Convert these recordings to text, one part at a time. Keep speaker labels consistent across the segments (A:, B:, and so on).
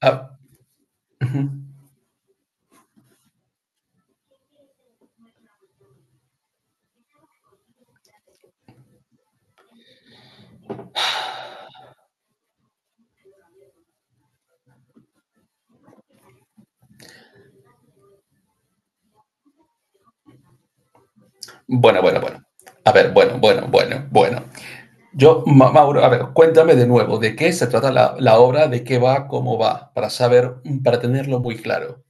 A: Ah, ujú. Bueno. A ver, bueno. Yo, Mauro, a ver, cuéntame de nuevo, ¿de qué se trata la obra? ¿De qué va? ¿Cómo va? Para saber, para tenerlo muy claro.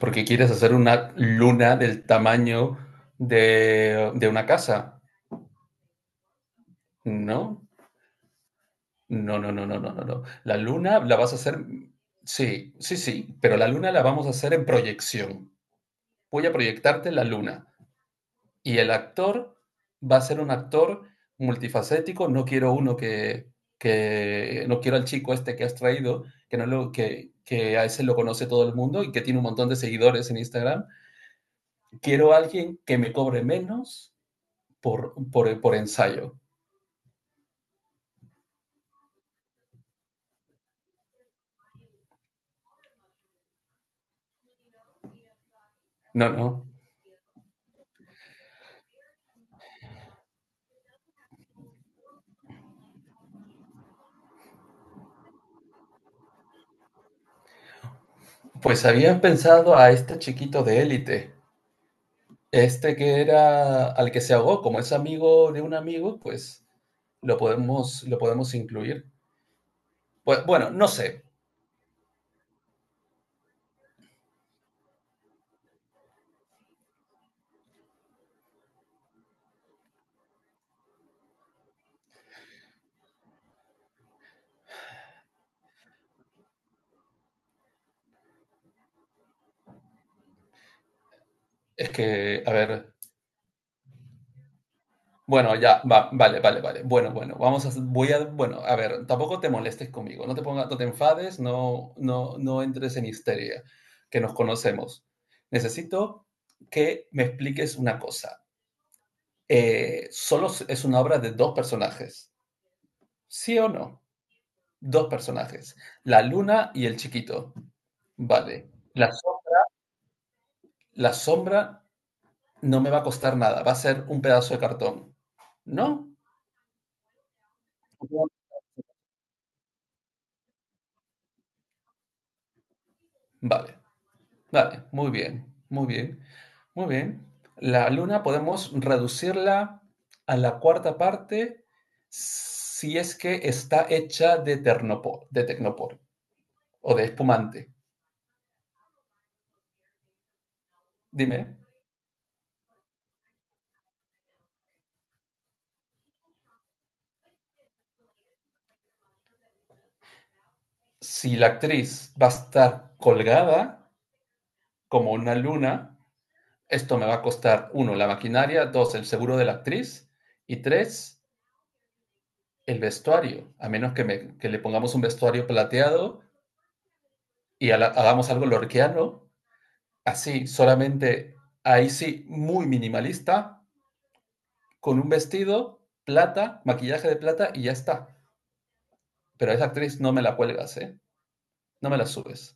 A: Porque quieres hacer una luna del tamaño de una casa, ¿no? No. La luna la vas a hacer, sí, pero la luna la vamos a hacer en proyección. Voy a proyectarte la luna. Y el actor va a ser un actor multifacético. No quiero uno que No quiero al chico este que has traído, que, no lo, que a ese lo conoce todo el mundo y que tiene un montón de seguidores en Instagram. Quiero a alguien que me cobre menos por ensayo. No, no. Pues había pensado a este chiquito de élite, este que era al que se ahogó, como es amigo de un amigo, pues lo podemos incluir. Pues, bueno, no sé. Es que, a ver, bueno, ya, va, vale. Bueno, bueno, vamos a, voy a, bueno, A ver, tampoco te molestes conmigo, no te pongas, no te enfades, no entres en histeria, que nos conocemos. Necesito que me expliques una cosa. Solo es una obra de dos personajes, ¿sí o no? Dos personajes, la luna y el chiquito. Vale. La, so- la sombra no me va a costar nada, va a ser un pedazo de cartón, ¿no? Vale. Vale, muy bien, muy bien, Muy bien. La luna podemos reducirla a la cuarta parte si es que está hecha de, ternopor de tecnopor o de espumante. Dime, si la actriz va a estar colgada como una luna, esto me va a costar: uno, la maquinaria; dos, el seguro de la actriz; y tres, el vestuario, a menos que, que le pongamos un vestuario plateado y hagamos algo lorquiano. Así, solamente ahí sí, muy minimalista, con un vestido, plata, maquillaje de plata y ya está. Pero a esa actriz no me la cuelgas, ¿eh? No me la subes.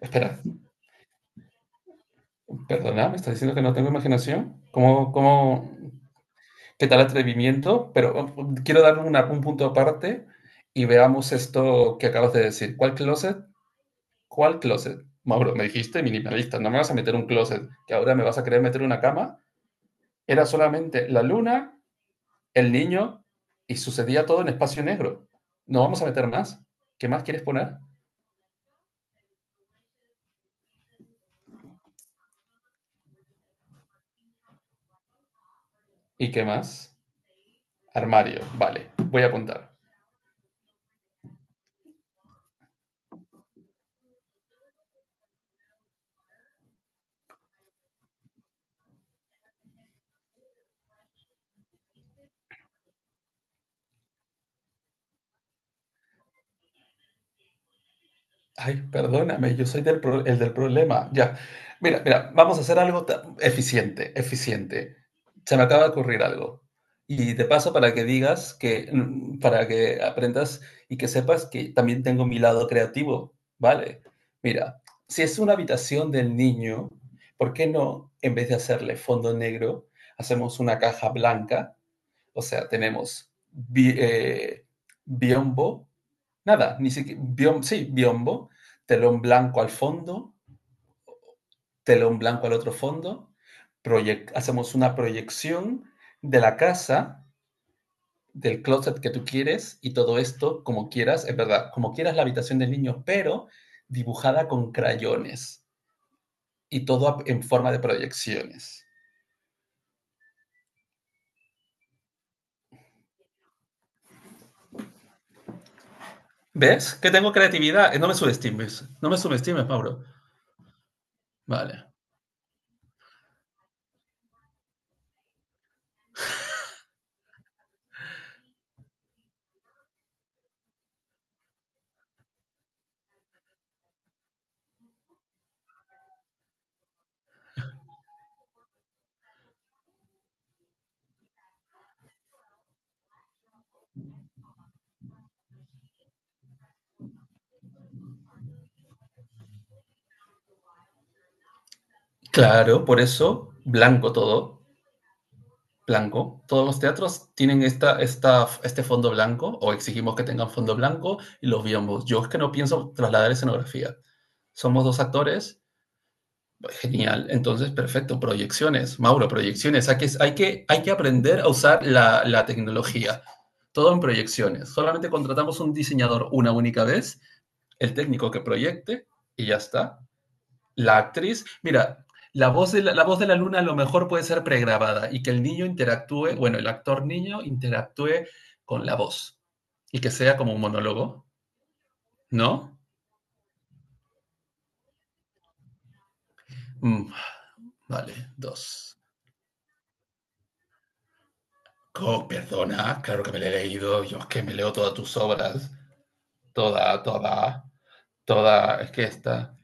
A: Espera, perdona, ¿me estás diciendo que no tengo imaginación? ¿Qué tal atrevimiento? Pero quiero darle un punto aparte y veamos esto que acabas de decir. ¿Cuál closet? ¿Cuál closet? Mauro, me dijiste minimalista, no me vas a meter un closet, que ahora me vas a querer meter una cama. Era solamente la luna, el niño y sucedía todo en espacio negro. No vamos a meter más. ¿Qué más quieres poner? ¿Y qué más? Armario. Vale, voy a apuntar. Ay, perdóname, yo soy el del problema. Ya. Vamos a hacer algo eficiente, eficiente. Se me acaba de ocurrir algo. Y de paso para que digas que, para que aprendas y que sepas que también tengo mi lado creativo, ¿vale? Mira, si es una habitación del niño, ¿por qué no, en vez de hacerle fondo negro, hacemos una caja blanca? O sea, tenemos biombo, nada, ni siquiera, sí, biombo, telón blanco al fondo, telón blanco al otro fondo, hacemos una proyección de la casa, del closet que tú quieres, y todo esto como quieras, es verdad, como quieras la habitación del niño, pero dibujada con crayones y todo en forma de proyecciones. ¿Ves? Que tengo creatividad. No me subestimes. No me subestimes, Mauro. Vale. Claro, por eso, blanco todo, blanco. Todos los teatros tienen este fondo blanco o exigimos que tengan fondo blanco y los vemos. Yo es que no pienso trasladar escenografía. Somos dos actores, genial, entonces perfecto, proyecciones, Mauro, proyecciones. Hay que aprender a usar la tecnología. Todo en proyecciones. Solamente contratamos un diseñador una única vez, el técnico que proyecte y ya está. La actriz, mira, la voz de la luna a lo mejor puede ser pregrabada y que el niño interactúe, bueno, el actor niño interactúe con la voz y que sea como un monólogo, ¿no? Mm, vale, dos. Oh, perdona, claro que me la he leído, yo es que me leo todas tus obras, toda, toda. Es que esta,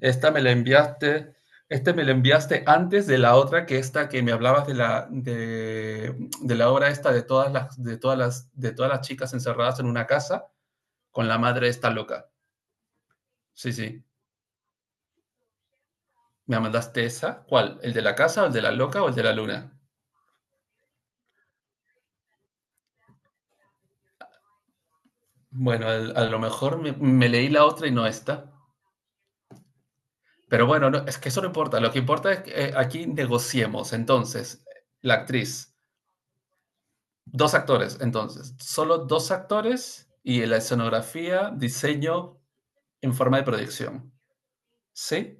A: esta me la enviaste, este me la enviaste antes de la otra, que esta que me hablabas de de la obra esta de de todas las chicas encerradas en una casa con la madre esta loca. Sí, sí. ¿Me mandaste esa? ¿Cuál? ¿El de la casa, o el de la loca o el de la luna? Bueno, a lo mejor me leí la otra y no esta. Pero bueno, no, es que eso no importa. Lo que importa es que aquí negociemos. Entonces, la actriz. Dos actores, entonces. Solo dos actores y la escenografía, diseño en forma de proyección. ¿Sí?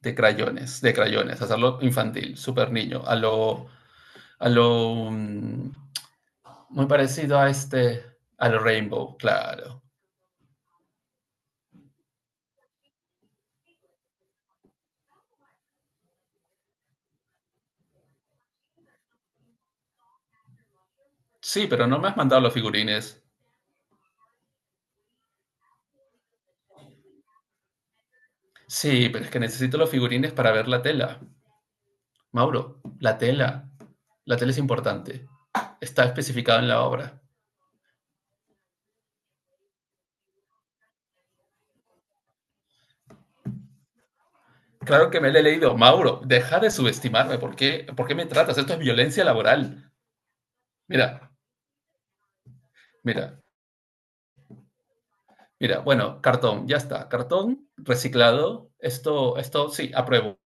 A: De crayones, de crayones. Hacerlo infantil, súper niño. A lo. mm, Muy parecido a este. A lo Rainbow, claro. Sí, pero no me has mandado los figurines. Sí, pero es que necesito los figurines para ver la tela. Mauro, la tela. La tela es importante. Está especificado en la obra. Claro que me lo he leído. Mauro, deja de subestimarme. ¿Por qué me tratas? Esto es violencia laboral. Mira, mira, Mira. Bueno, cartón, ya está. Cartón reciclado. Esto sí, apruebo.